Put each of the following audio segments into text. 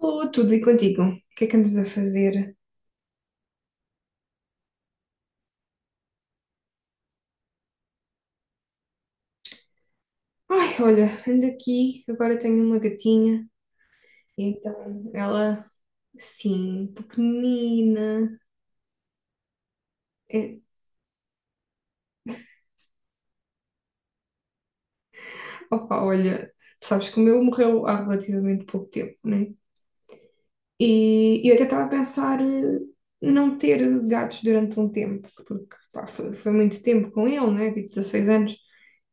Alô, tudo e contigo? O que é que andas a fazer? Ai, olha, ando aqui, agora tenho uma gatinha, então ela, sim, pequenina. É, opa, olha, sabes que o meu morreu há relativamente pouco tempo, né? E eu até estava a pensar não ter gatos durante um tempo, porque pá, foi muito tempo com ele, né? Tipo 16 anos,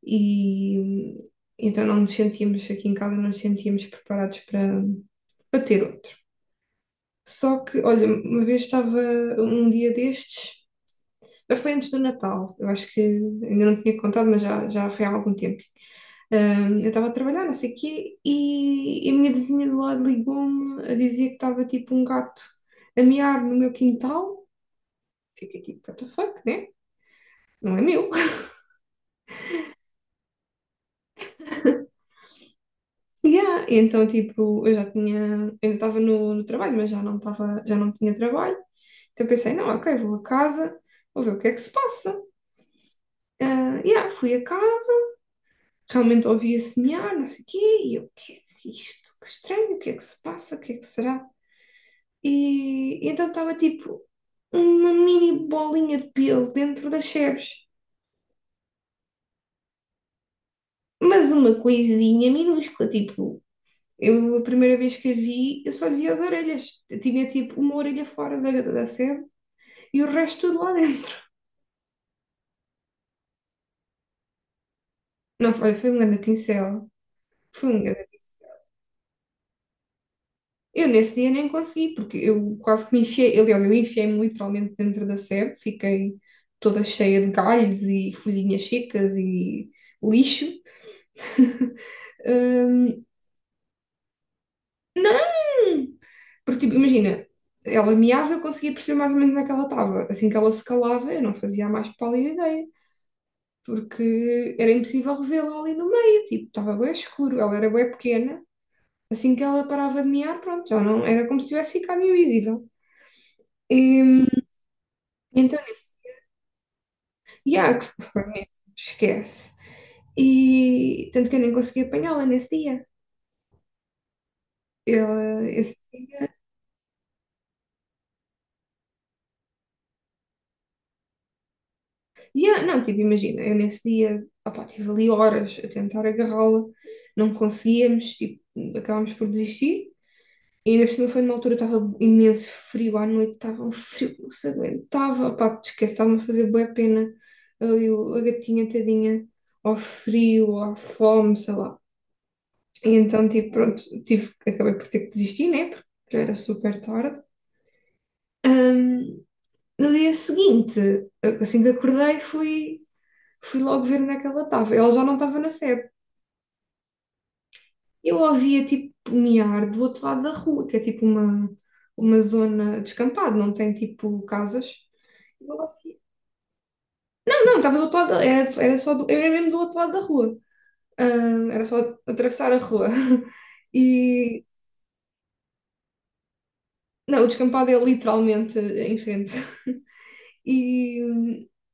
e então não nos sentíamos aqui em casa, não nos sentíamos preparados para ter outro. Só que, olha, uma vez estava um dia destes, já foi antes do Natal, eu acho que ainda não tinha contado, mas já foi há algum tempo. Eu estava a trabalhar, não sei o quê, e a minha vizinha do lado ligou-me a dizer que estava tipo um gato a miar no meu quintal. Fiquei tipo, what the fuck, né? Não é meu. Yeah. E então, tipo, eu já tinha, ainda estava no trabalho, mas já não estava, já não tinha trabalho. Então eu pensei, não, ok, vou a casa, vou ver o que é que se passa. Ah, yeah, fui a casa realmente ouvia semear, não sei o quê, e eu, o que é é isto? Que estranho, o que é que se passa, o que é que será? E então estava tipo uma mini bolinha de pelo dentro das sebes, mas uma coisinha minúscula, tipo, eu a primeira vez que a vi, eu só vi as orelhas, eu tinha tipo uma orelha fora da sebe e o resto tudo lá dentro. Não, foi um grande pincel, foi um grande. Eu nesse dia nem consegui, porque eu quase que me enfiei, aliás, eu enfiei-me literalmente dentro da sebe, fiquei toda cheia de galhos e folhinhas secas e lixo. Hum, não! Porque, tipo, imagina, ela meava, eu conseguia perceber mais ou menos onde é que ela estava. Assim que ela se calava, eu não fazia a mais pálida ideia, porque era impossível revê-la ali no meio, tipo, estava bem escuro, ela era bem pequena. Assim que ela parava de mear, pronto, já não, era como se tivesse ficado invisível. E, então, nesse e yeah, que foi mesmo, esquece. E tanto que eu nem consegui apanhá-la nesse dia. Eu, esse, yeah, não, tipo, imagina, eu nesse dia, opá, estive ali horas a tentar agarrá-la, não conseguíamos, tipo, acabámos por desistir. E ainda por cima foi numa altura, estava imenso frio à noite, estava um frio que não se aguentava, opá, te esquece, estava-me a fazer boa pena ali a gatinha tadinha, ao frio, à fome, sei lá. E então, tipo, pronto, tive, acabei por ter que desistir, né? Porque já era super tarde. Ahm, no dia seguinte, assim que acordei, fui, fui logo ver onde é que ela estava. Ela já não estava na sede. Eu ouvia, tipo, miar do outro lado da rua, que é tipo uma zona descampada, não tem, tipo, casas. Não, não, estava do outro lado, era, era só do, era mesmo do outro lado da rua. Era só atravessar a rua. E, não, o descampado é literalmente em frente. E,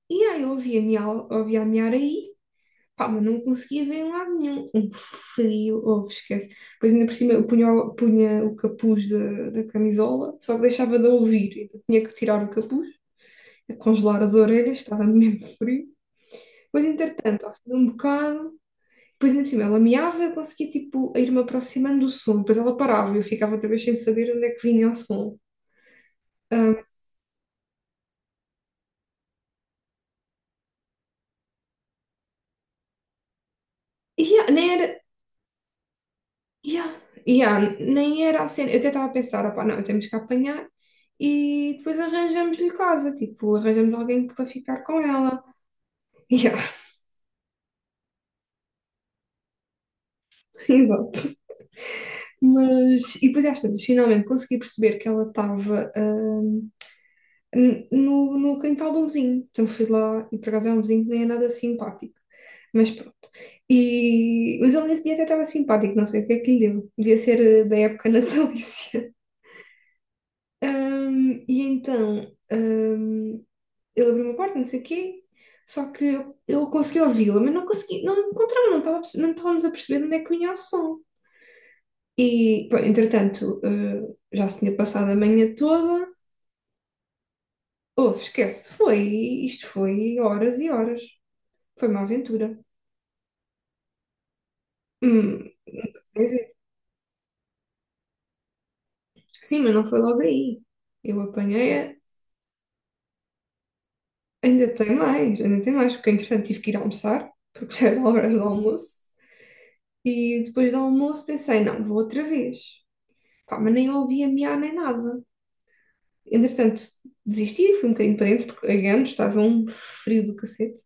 e aí eu ouvia miar aí, pá, mas não conseguia ver em lado nenhum. Um frio, oh, esquece. Depois ainda por cima eu punha, punha o capuz da camisola, só que deixava de ouvir, então tinha que tirar o capuz, congelar as orelhas, estava mesmo frio. Depois, entretanto, ao fim de um bocado, depois ainda por cima ela miava, eu conseguia tipo ir-me aproximando do som, depois ela parava e eu ficava outra vez sem saber onde é que vinha o som. Ah, e yeah, nem era, yeah, yeah, nem era a cena. Eu até estava a pensar, opá, não, temos que apanhar e depois arranjamos-lhe casa, tipo, arranjamos alguém que vai ficar com ela. Yeah, exato. Mas, e depois às tantas, finalmente consegui perceber que ela estava no, no quintal de um vizinho. Então fui lá e por acaso é um vizinho que nem é nada simpático. Mas pronto. E, mas ele nesse dia até estava simpático, não sei o que é que lhe deu. Devia ser da época natalícia. E então, ahm, ele abriu uma porta, não sei o quê, só que eu consegui ouvi-la, mas não consegui, não encontrava, não estava, não estávamos a perceber de onde é que vinha o som. E, pá, entretanto, já se tinha passado a manhã toda. Houve, esquece, foi, isto foi horas e horas. Foi uma aventura. Hum, meu Deus. Sim, mas não foi logo aí. Eu apanhei, ainda tem mais, porque entretanto tive que ir almoçar, porque já era horas do almoço. E depois do almoço pensei, não, vou outra vez. Pá, mas nem ouvi a miar nem nada. Entretanto, desisti, fui um bocadinho para dentro, porque again, estava um frio do cacete.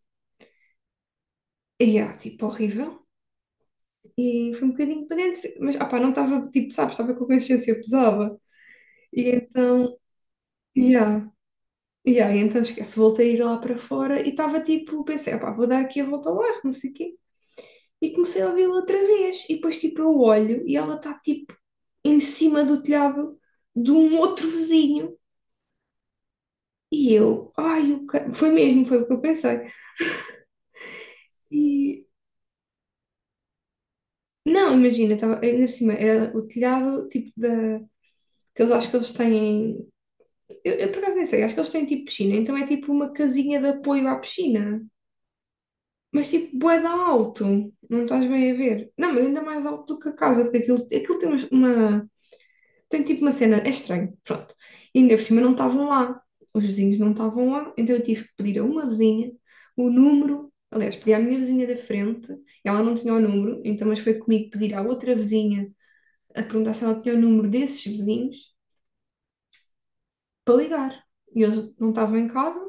E ah, tipo, horrível. E fui um bocadinho para dentro, mas ah, pá, não estava, tipo, sabes, estava com a consciência pesada. E então, yeah, yeah, e então esquece, voltei a ir lá para fora e estava tipo, pensei, ah, pá, vou dar aqui a volta ao bairro, não sei o quê. E comecei a ouvi-la outra vez. E depois, tipo, eu olho e ela está, tipo, em cima do telhado de um outro vizinho. E eu, ai, foi mesmo, foi o que eu pensei. E não, imagina, tava, ainda por cima, era o telhado tipo da. Que eles acho que eles têm. Eu por acaso nem sei, acho que eles têm tipo piscina, então é tipo uma casinha de apoio à piscina. Mas tipo, bué de alto, não estás bem a ver. Não, mas ainda mais alto do que a casa, porque aquilo, aquilo tem uma, tem tipo uma cena, é estranho, pronto. E ainda por cima não estavam lá, os vizinhos não estavam lá, então eu tive que pedir a uma vizinha o número, aliás, pedi à minha vizinha da frente, ela não tinha o número, então mas foi comigo pedir à outra vizinha a perguntar se ela tinha o número desses vizinhos para ligar. E eles não estavam em casa,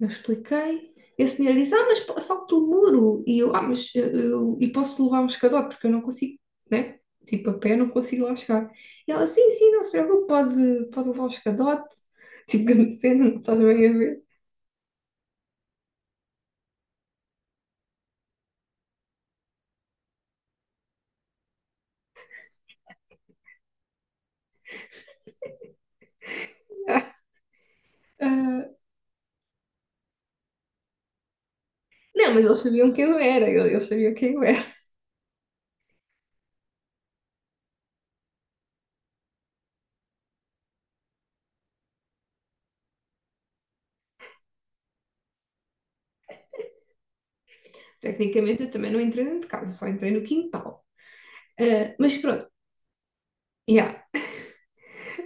eu expliquei. E a senhora disse: Ah, mas salto o muro. E eu: Ah, mas eu, e posso levar um escadote, porque eu não consigo, né? Tipo, a pé não consigo lá chegar. E ela: Sim, sim, não se preocupe, pode, pode levar um escadote. Tipo, grande cena, não estás bem a ver? Ah, não, mas eles sabiam quem eu era, eles sabiam quem eu era. Tecnicamente, eu também não entrei dentro de casa, só entrei no quintal. Ah, mas pronto, yeah.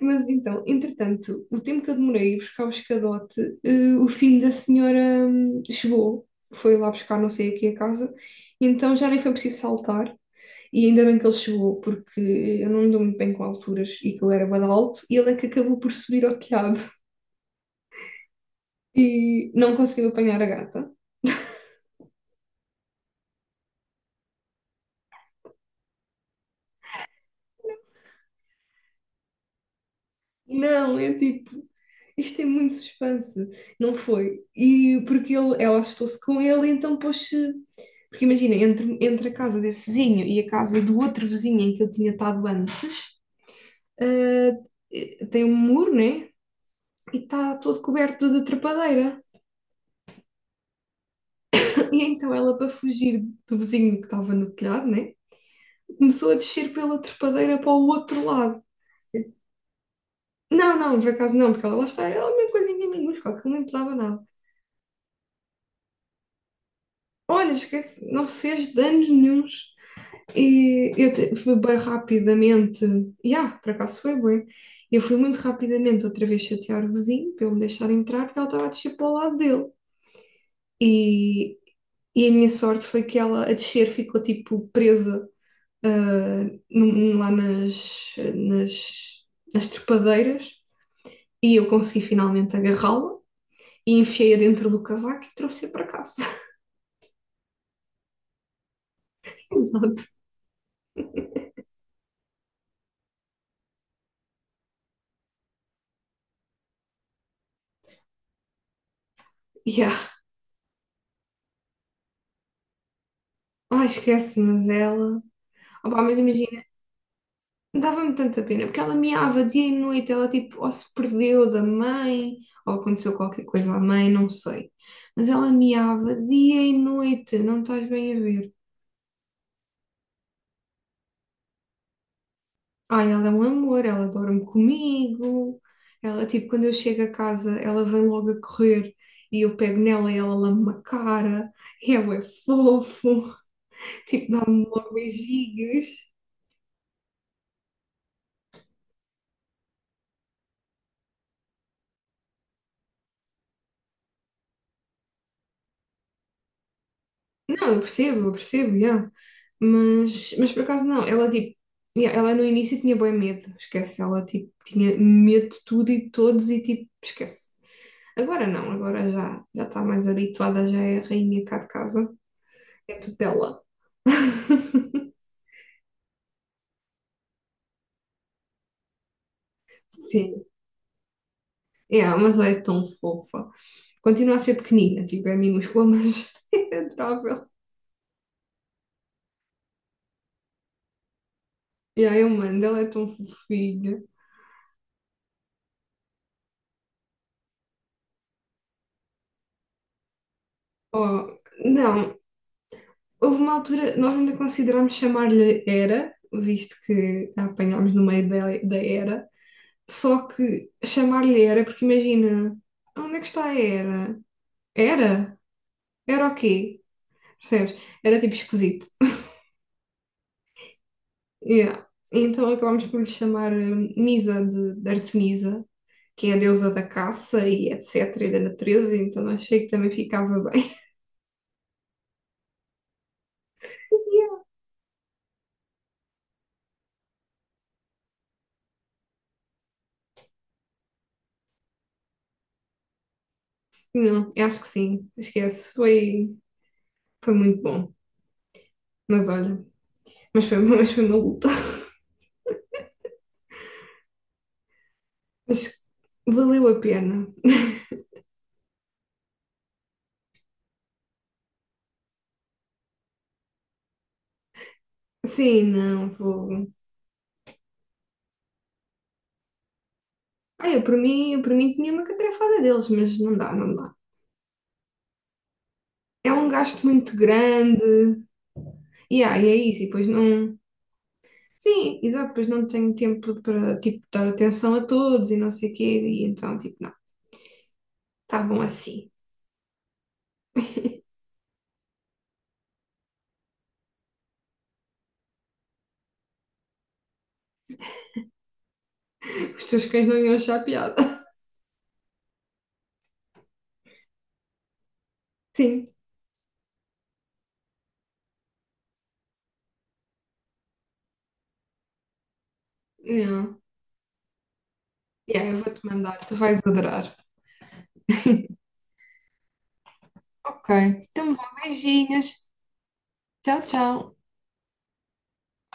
Mas então, entretanto, o tempo que eu demorei a ir buscar o escadote, o filho da senhora chegou, foi lá buscar não sei aqui a casa, e então já nem foi preciso saltar, e ainda bem que ele chegou, porque eu não me dou muito bem com alturas e que ele era bada alto, e ele é que acabou por subir ao telhado e não conseguiu apanhar a gata. Não, é tipo, isto tem muito suspense. Não foi. E porque ele, ela assustou-se com ele, então pôs-se. Porque imagina, entre a casa desse vizinho e a casa do outro vizinho em que eu tinha estado antes, ah, tem um muro, né? E está todo coberto de trepadeira. E então ela, para fugir do vizinho que estava no telhado, né? Começou a descer pela trepadeira para o outro lado. Não, não, por acaso não, porque ela lá está, era uma coisinha minúscula, que não pesava nada. Olha, esquece, não fez danos nenhuns. E fui bem rapidamente, yeah, por acaso foi bem. Eu fui muito rapidamente outra vez chatear o vizinho para ele me deixar entrar, porque ela estava a descer para o lado dele. E, e a minha sorte foi que ela a descer ficou tipo presa ah, lá nas, nas trepadeiras e eu consegui finalmente agarrá-la e enfiei-a dentro do casaco e trouxe-a para casa. Exato. Yeah. Ai, esquece, mas ela. Opá, mas imagina. Dava-me tanta pena, porque ela miava dia e noite, ela tipo, ou se perdeu da mãe, ou aconteceu qualquer coisa à mãe, não sei. Mas ela miava dia e noite, não estás bem a ver. Ai, ela é um amor, ela dorme comigo, ela tipo, quando eu chego a casa, ela vem logo a correr e eu pego nela e ela lama-me a cara, e ela é fofo, tipo, dá-me logo beijinhos. Não, eu percebo, yeah. Mas por acaso não, ela tipo, yeah, ela no início tinha bem medo, esquece, ela tipo tinha medo de tudo e de todos e tipo, esquece. Agora não, agora já está mais habituada, já é a rainha cá de casa, é tudo dela. Sim, yeah, mas ela é tão fofa. Continua a ser pequenina, tipo, é minúscula, mas é adorável. Yeah, eu mando, ela é tão fofinha. Oh, não. Houve uma altura, nós ainda considerámos chamar-lhe Era, visto que a apanhámos no meio da Era, só que chamar-lhe Era, porque imagina, onde é que está a Era? Era? Era o quê? Percebes? Era tipo esquisito. Yeah. Então acabámos por lhe chamar Misa de Artemisa, que é a deusa da caça e etc. e da natureza, então achei que também ficava bem. Yeah. Não, acho que sim, esquece, foi, foi muito bom. Mas olha, mas foi, mas foi maluco. Mas valeu a pena. Sim, não, vou. Ah, eu por mim tinha uma catrefada deles, mas não dá, não dá. É um gasto muito grande. E aí e é isso, e depois não. Sim, exato, depois não tenho tempo para, tipo, dar atenção a todos e não sei o quê, e então, tipo, não, tá bom assim. Os teus cães não iam achar piada. Sim, não. E aí eu vou-te mandar, tu vais adorar. Ok, então vá, beijinhos. Tchau, tchau.